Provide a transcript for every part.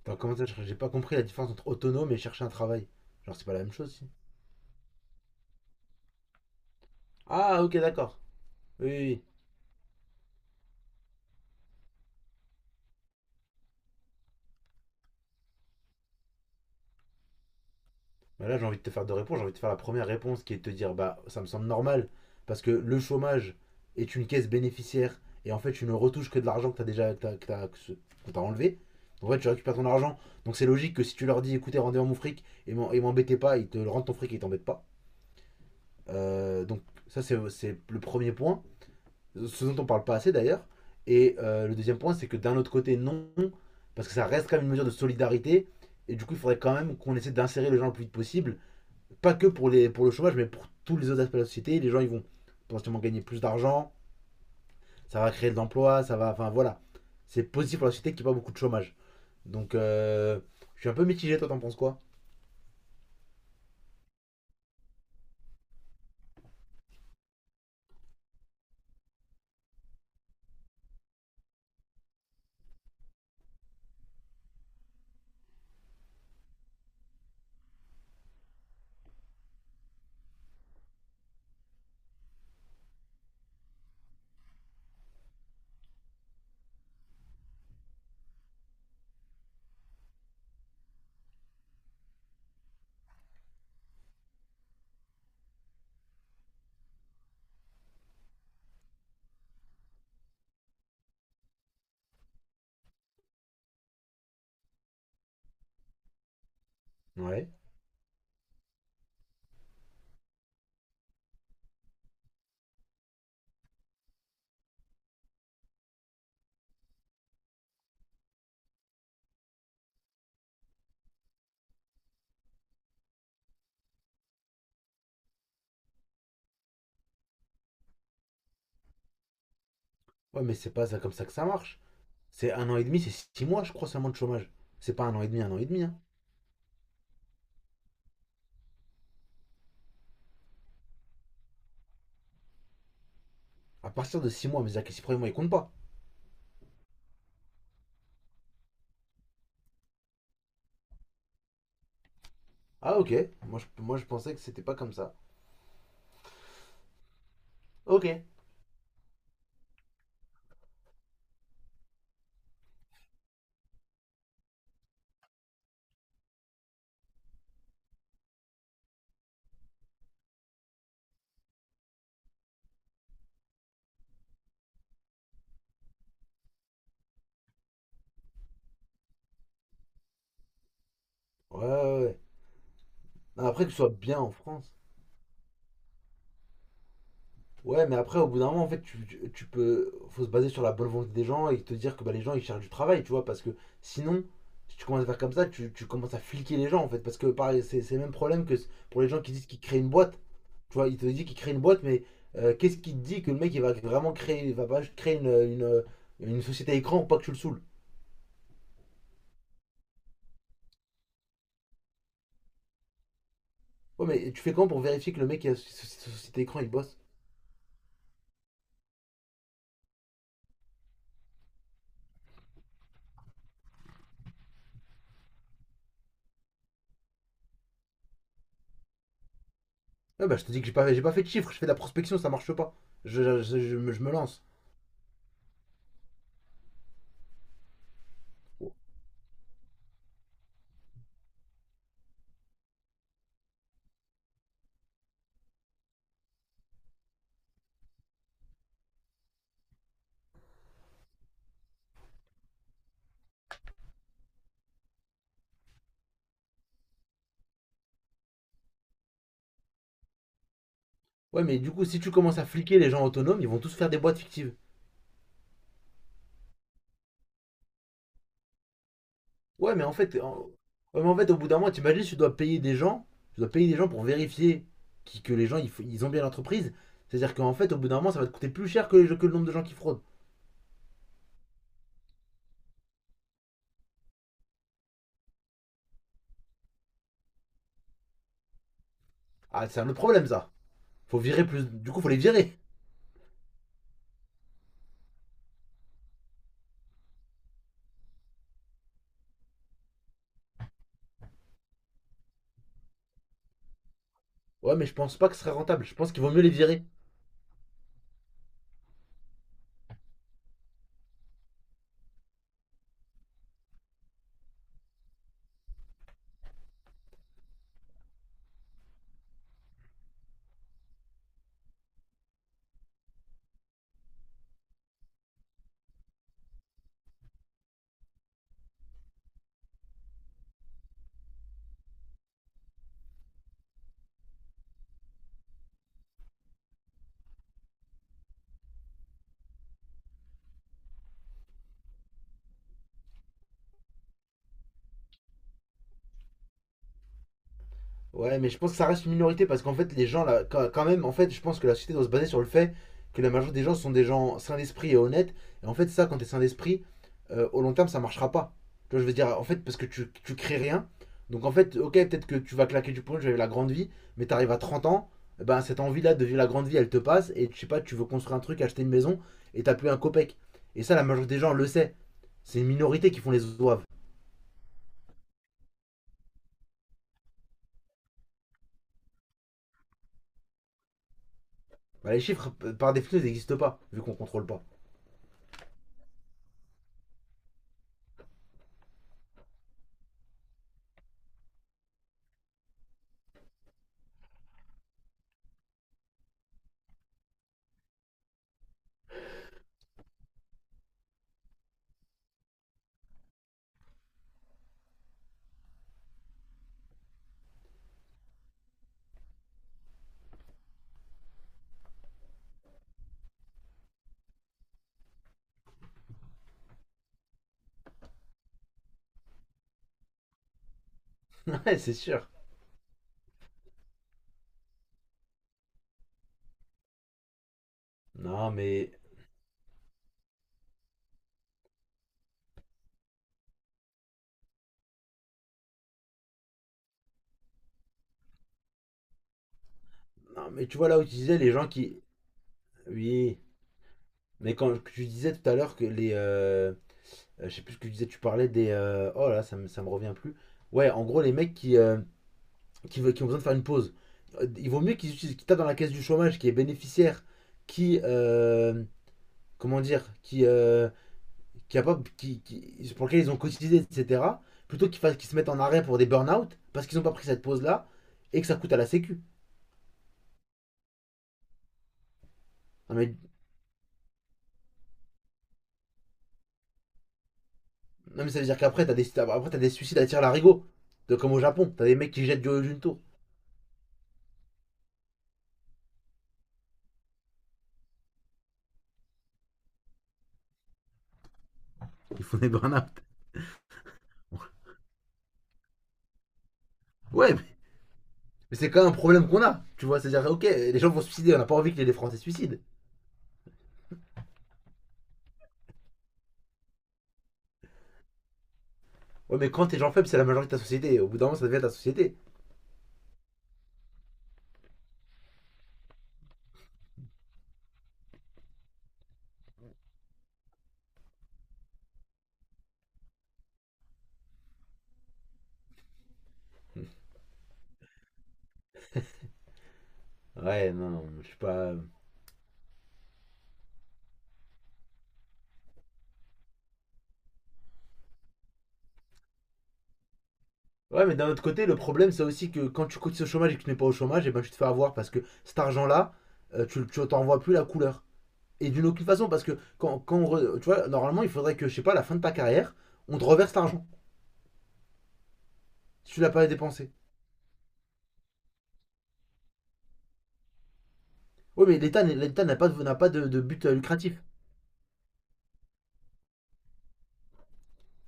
Attends, comment ça, j'ai pas compris la différence entre autonome et chercher un travail. Genre, c'est pas la même chose, si. Ah, ok, d'accord. Oui, oui, oui. Bah là, j'ai envie de te faire deux réponses. J'ai envie de te faire la première réponse qui est de te dire, bah, ça me semble normal, parce que le chômage est une caisse bénéficiaire, et en fait, tu ne retouches que de l'argent que t'as déjà, que t'as, que t'as- que ce- qu'on t'a enlevé. Donc, en fait, tu récupères ton argent. Donc, c'est logique que si tu leur dis, écoutez, rendez-moi mon fric, et m'embêtez pas, ils te rendent ton fric et ils t'embêtent pas. Donc, ça, c'est le premier point, ce dont on parle pas assez d'ailleurs. Et le deuxième point, c'est que d'un autre côté, non, parce que ça reste quand même une mesure de solidarité. Et du coup, il faudrait quand même qu'on essaie d'insérer les gens le plus vite possible. Pas que pour, les, pour le chômage, mais pour tous les autres aspects de la société. Les gens, ils vont potentiellement gagner plus d'argent, ça va créer de l'emploi, ça va. Enfin voilà. C'est positif pour la société qu'il n'y ait pas beaucoup de chômage. Donc, je suis un peu mitigé, toi, t'en penses quoi? Ouais. Ouais, mais c'est pas ça, comme ça que ça marche. C'est un an et demi, c'est six mois, je crois, seulement de chômage. C'est pas un an et demi, un an et demi. Hein. À partir de six mois, mais c'est-à-dire que les six premiers mois, ils comptent pas. Ah ok, moi je pensais que c'était pas comme ça. Ok. Ouais, ouais, ouais. Non, après que ce soit bien en France. Ouais, mais après au bout d'un moment en fait tu peux. Faut se baser sur la bonne volonté des gens et te dire que bah, les gens ils cherchent du travail, tu vois, parce que sinon, si tu commences à faire comme ça, tu commences à fliquer les gens en fait, parce que pareil, c'est le même problème que pour les gens qui disent qu'ils créent une boîte. Tu vois, ils te disent qu'ils créent une boîte, mais qu'est-ce qui te dit que le mec il va vraiment créer, il va pas créer une société écran pour pas que tu le saoules? Ouais, mais tu fais comment pour vérifier que le mec qui a société écran il bosse? Ouais, bah, je te dis que j'ai pas fait de chiffres, je fais de la prospection, ça marche pas. Je me lance. Ouais, mais du coup, si tu commences à fliquer les gens autonomes, ils vont tous faire des boîtes fictives. Ouais, mais en fait, en- ouais, mais en fait au bout d'un moment, t'imagines, tu dois payer des gens, tu dois payer des gens pour vérifier que les gens ils ont bien l'entreprise. C'est-à-dire qu'en fait, au bout d'un moment, ça va te coûter plus cher que, que le nombre de gens qui fraudent. Ah, c'est un autre problème, ça. Faut virer plus. Du coup, faut les virer. Ouais, mais je pense pas que ce serait rentable. Je pense qu'il vaut mieux les virer. Ouais, mais je pense que ça reste une minorité parce qu'en fait, les gens, là, quand même, en fait, je pense que la société doit se baser sur le fait que la majorité des gens sont des gens sains d'esprit et honnêtes. Et en fait, ça, quand t'es sain d'esprit, au long terme, ça marchera pas. Tu vois, je veux dire, en fait, parce que tu crées rien. Donc, en fait, ok, peut-être que tu vas claquer du poing, tu vas vivre la grande vie, mais t'arrives à 30 ans, eh ben, cette envie-là de vivre la grande vie, elle te passe. Et je sais pas, tu veux construire un truc, acheter une maison, et t'as plus un copec. Et ça, la majorité des gens le sait. C'est une minorité qui font les zouaves. Bah, les chiffres, par définition, ils n'existent pas, vu qu'on contrôle pas. Ouais, c'est sûr. Non, mais. Non, mais tu vois là où tu disais les gens qui. Oui. Mais quand tu disais tout à l'heure que les, je sais plus ce que tu disais, tu parlais des, oh là, ça me revient plus. Ouais, en gros, les mecs qui ont besoin de faire une pause. Il vaut mieux qu'ils utilisent, qu'ils tapent dans la caisse du chômage, qui est bénéficiaire, qui, comment dire? Qui, pour lequel ils ont cotisé, etc. Plutôt qu'ils fassent, qu'ils se mettent en arrêt pour des burn-out, parce qu'ils n'ont pas pris cette pause-là, et que ça coûte à la sécu. Non, mais. Non, mais ça veut dire qu'après, après, t'as des suicides à tir larigot. De, comme au Japon, t'as des mecs qui jettent du haut d'une tour. Ils font des burn-out. Ouais, mais. Mais c'est quand même un problème qu'on a. Tu vois, c'est-à-dire, ok, les gens vont se suicider, on n'a pas envie que les Français se suicident. Ouais, mais quand t'es gens faibles, c'est la majorité de ta société. Au bout d'un moment, ça devient ta société. Ouais, non, non, je suis pas. Ouais, mais d'un autre côté, le problème, c'est aussi que quand tu cotises au chômage et que tu n'es pas au chômage, et ben tu te fais avoir parce que cet argent-là, tu t'en vois plus la couleur. Et d'une aucune façon, parce que tu vois, normalement, il faudrait que, je sais pas, à la fin de ta carrière, on te reverse l'argent. Si tu l'as pas dépensé. Oui, mais l'État n'a pas, n'a pas de, de but lucratif.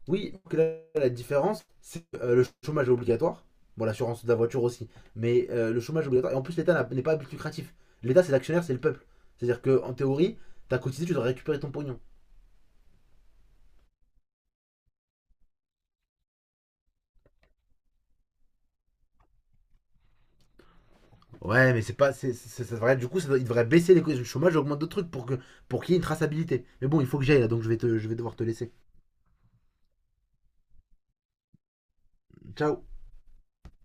Oui, que là, la différence, c'est le chômage est obligatoire. Bon, l'assurance de la voiture aussi. Mais le chômage est obligatoire. Et en plus, l'État n'est pas à but lucratif. L'État, c'est l'actionnaire, c'est le peuple. C'est-à-dire que en théorie, t'as cotisé, tu dois récupérer ton pognon. Ouais, mais c'est pas, du coup, il devrait baisser les cotisations du chômage et augmenter d'autres trucs pour que pour qu'il y ait une traçabilité. Mais bon, il faut que j'aille là, donc je vais, je vais devoir te laisser. Ciao.